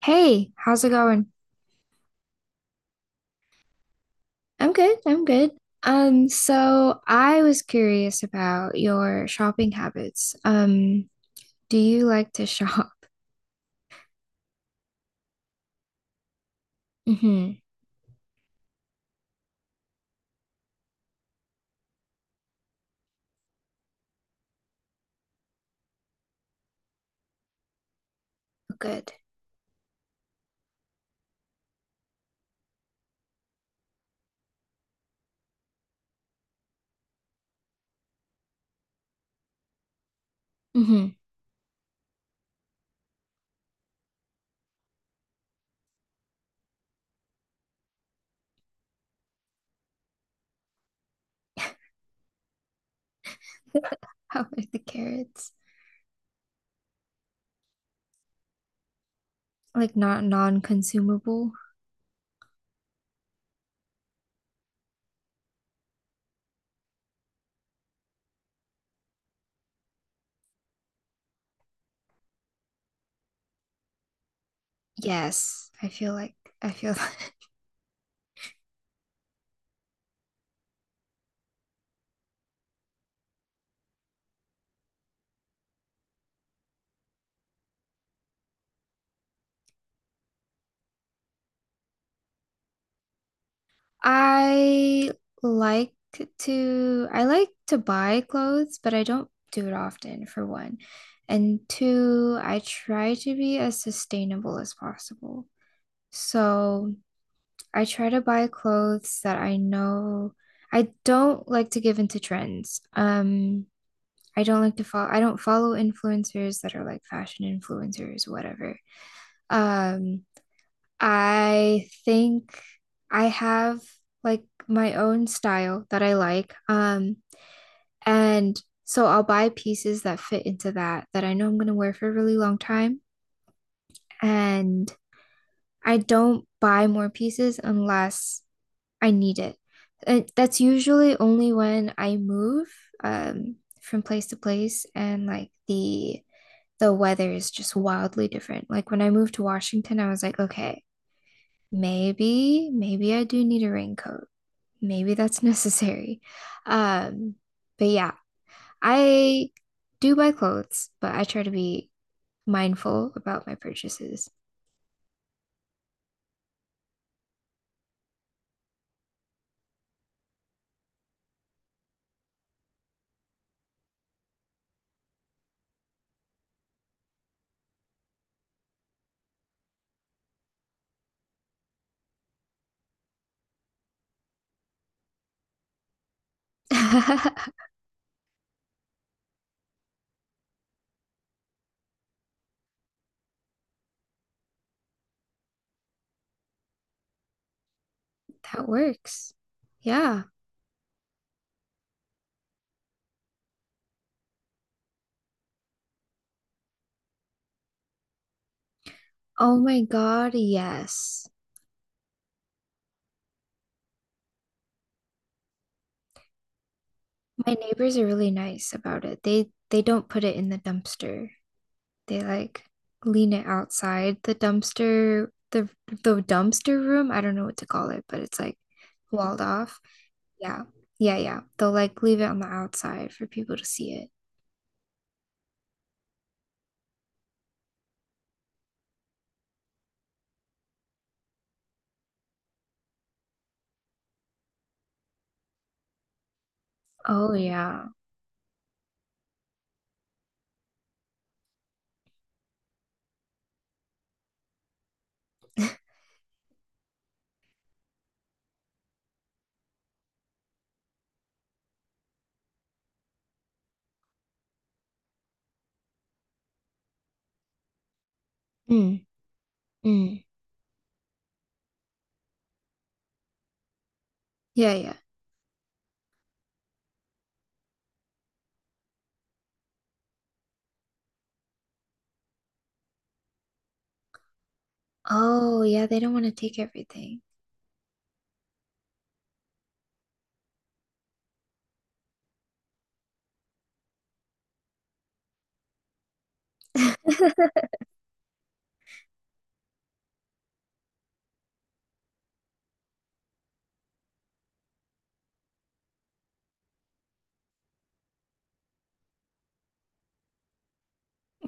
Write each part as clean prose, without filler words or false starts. Hey, how's it going? I'm good. I'm good. So I was curious about your shopping habits. Do you like to shop? Mm-hmm. Good. Mm-hmm. How are the carrots? Like not non-consumable? Yes, I feel like I feel I like I like to buy clothes, but I don't do it often for one. And two, I try to be as sustainable as possible. So I try to buy clothes that I know I don't like to give into trends. I don't follow influencers that are like fashion influencers, whatever. Um, I think I have like my own style that I like. And so I'll buy pieces that fit into that I know I'm gonna wear for a really long time. And I don't buy more pieces unless I need it. And that's usually only when I move um from place to place and like the weather is just wildly different. Like when I moved to Washington, I was like, okay. Maybe, maybe I do need a raincoat. Maybe that's necessary. Um, but yeah, I do buy clothes, but I try to be mindful about my purchases. That works. Yeah. Oh my God, yes. My neighbors are really nice about it. They don't put it in the dumpster. They like lean it outside the dumpster, the dumpster room. I don't know what to call it, but it's like walled off. Yeah. Yeah, yeah. They'll like leave it on the outside for people to see it. Oh, yeah. Mm, mm. Yeah, yeah. Oh, yeah, they don't want to take everything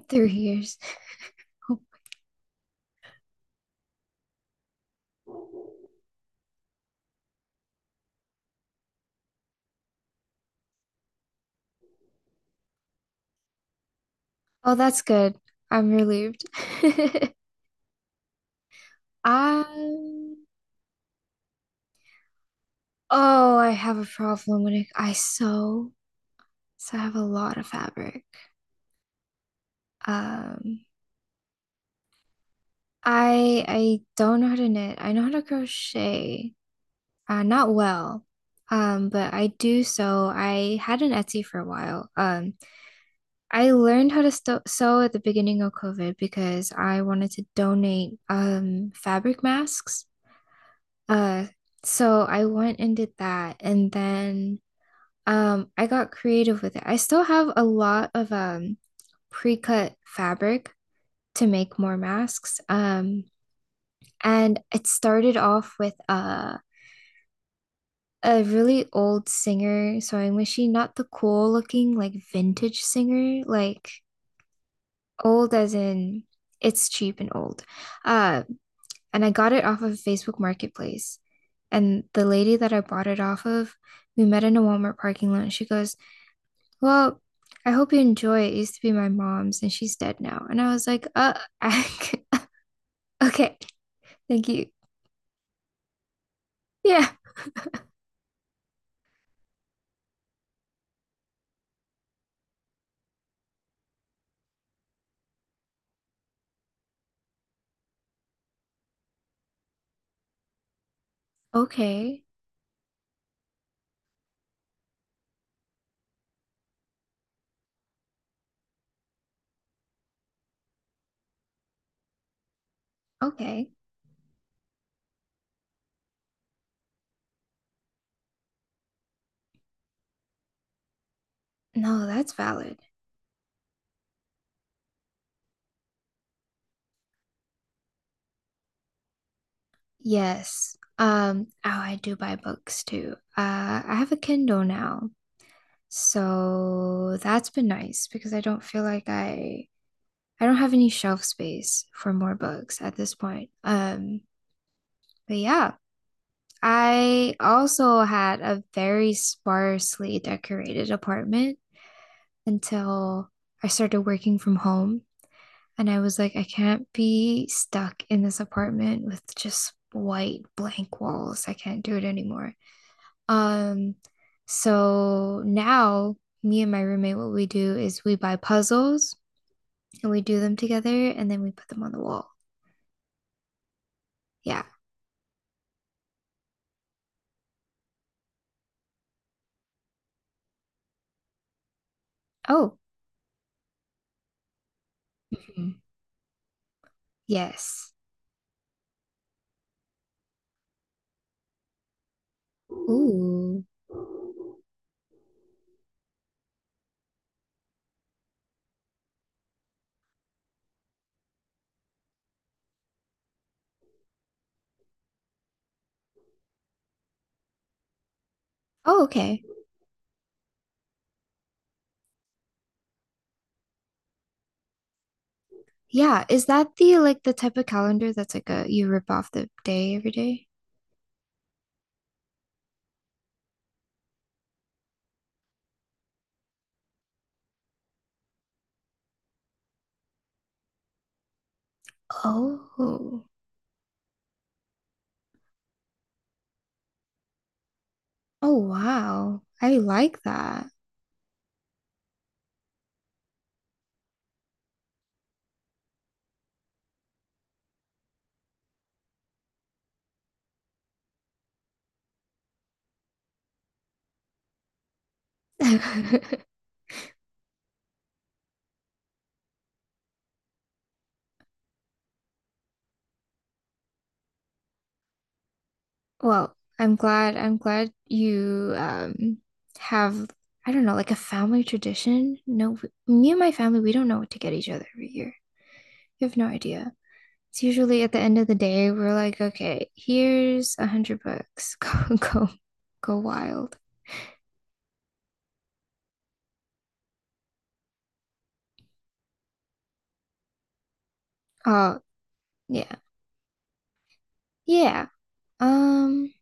through years. Oh, that's good. I'm relieved. Um, oh, I have a problem when it, I sew. So I have a lot of fabric. Um, I don't know how to knit. I know how to crochet. Not well. But I do sew. I had an Etsy for a while. I learned how to sto sew at the beginning of COVID because I wanted to donate fabric masks. Uh, so I went and did that, and then I got creative with it. I still have a lot of pre-cut fabric to make more masks. And it started off with a really old singer. So I'm wishing not the cool looking, like vintage singer, like old as in it's cheap and old. Uh, and I got it off of Facebook Marketplace. And the lady that I bought it off of, we met in a Walmart parking lot. And she goes, well, I hope you enjoy it. It used to be my mom's and she's dead now. And I was like, uh, okay, thank you. Yeah, okay, okay. No, that's valid. Yes. Oh, I do buy books too. I have a Kindle now. So that's been nice because I don't feel like I don't have any shelf space for more books at this point. But yeah, I also had a very sparsely decorated apartment until I started working from home and I was like, I can't be stuck in this apartment with just white blank walls. I can't do it anymore. Um, so now me and my roommate, what we do is we buy puzzles and we do them together and then we put them on the wall. Yeah. Oh, mhm. Yes. Ooh. Oh, okay. Yeah. Is that the like the type of calendar that's like a you rip off the day every day? Oh. Oh, wow. I like that. Well, I'm glad you have I don't know, like a family tradition. No, me and my family, we don't know what to get each other every year. You have no idea. It's usually at the end of the day, we're like, okay, here's $100. Go go wild. Oh, yeah. Yeah. Um,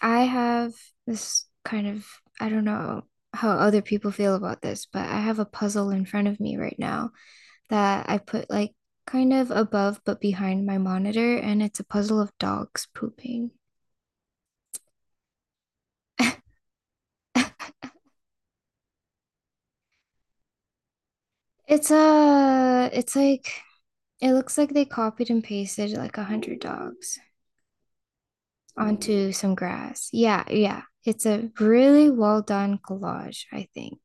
I have this kind of I don't know how other people feel about this, but I have a puzzle in front of me right now that I put like kind of above but behind my monitor, and it's a puzzle of dogs pooping. It's like it looks like they copied and pasted like 100 dogs onto some grass. Yeah, yeah. It's a really well done collage, I think.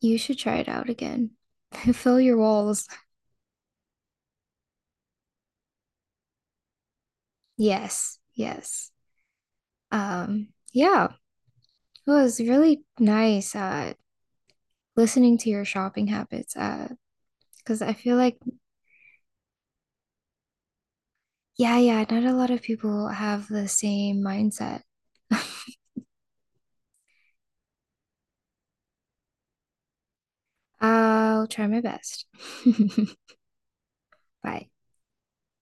You should try it out again. Fill your walls. Yes, yes. Yeah, it was really nice listening to your shopping habits because I feel like yeah, yeah, not a lot of people have the same mindset. I'll try my best. Bye.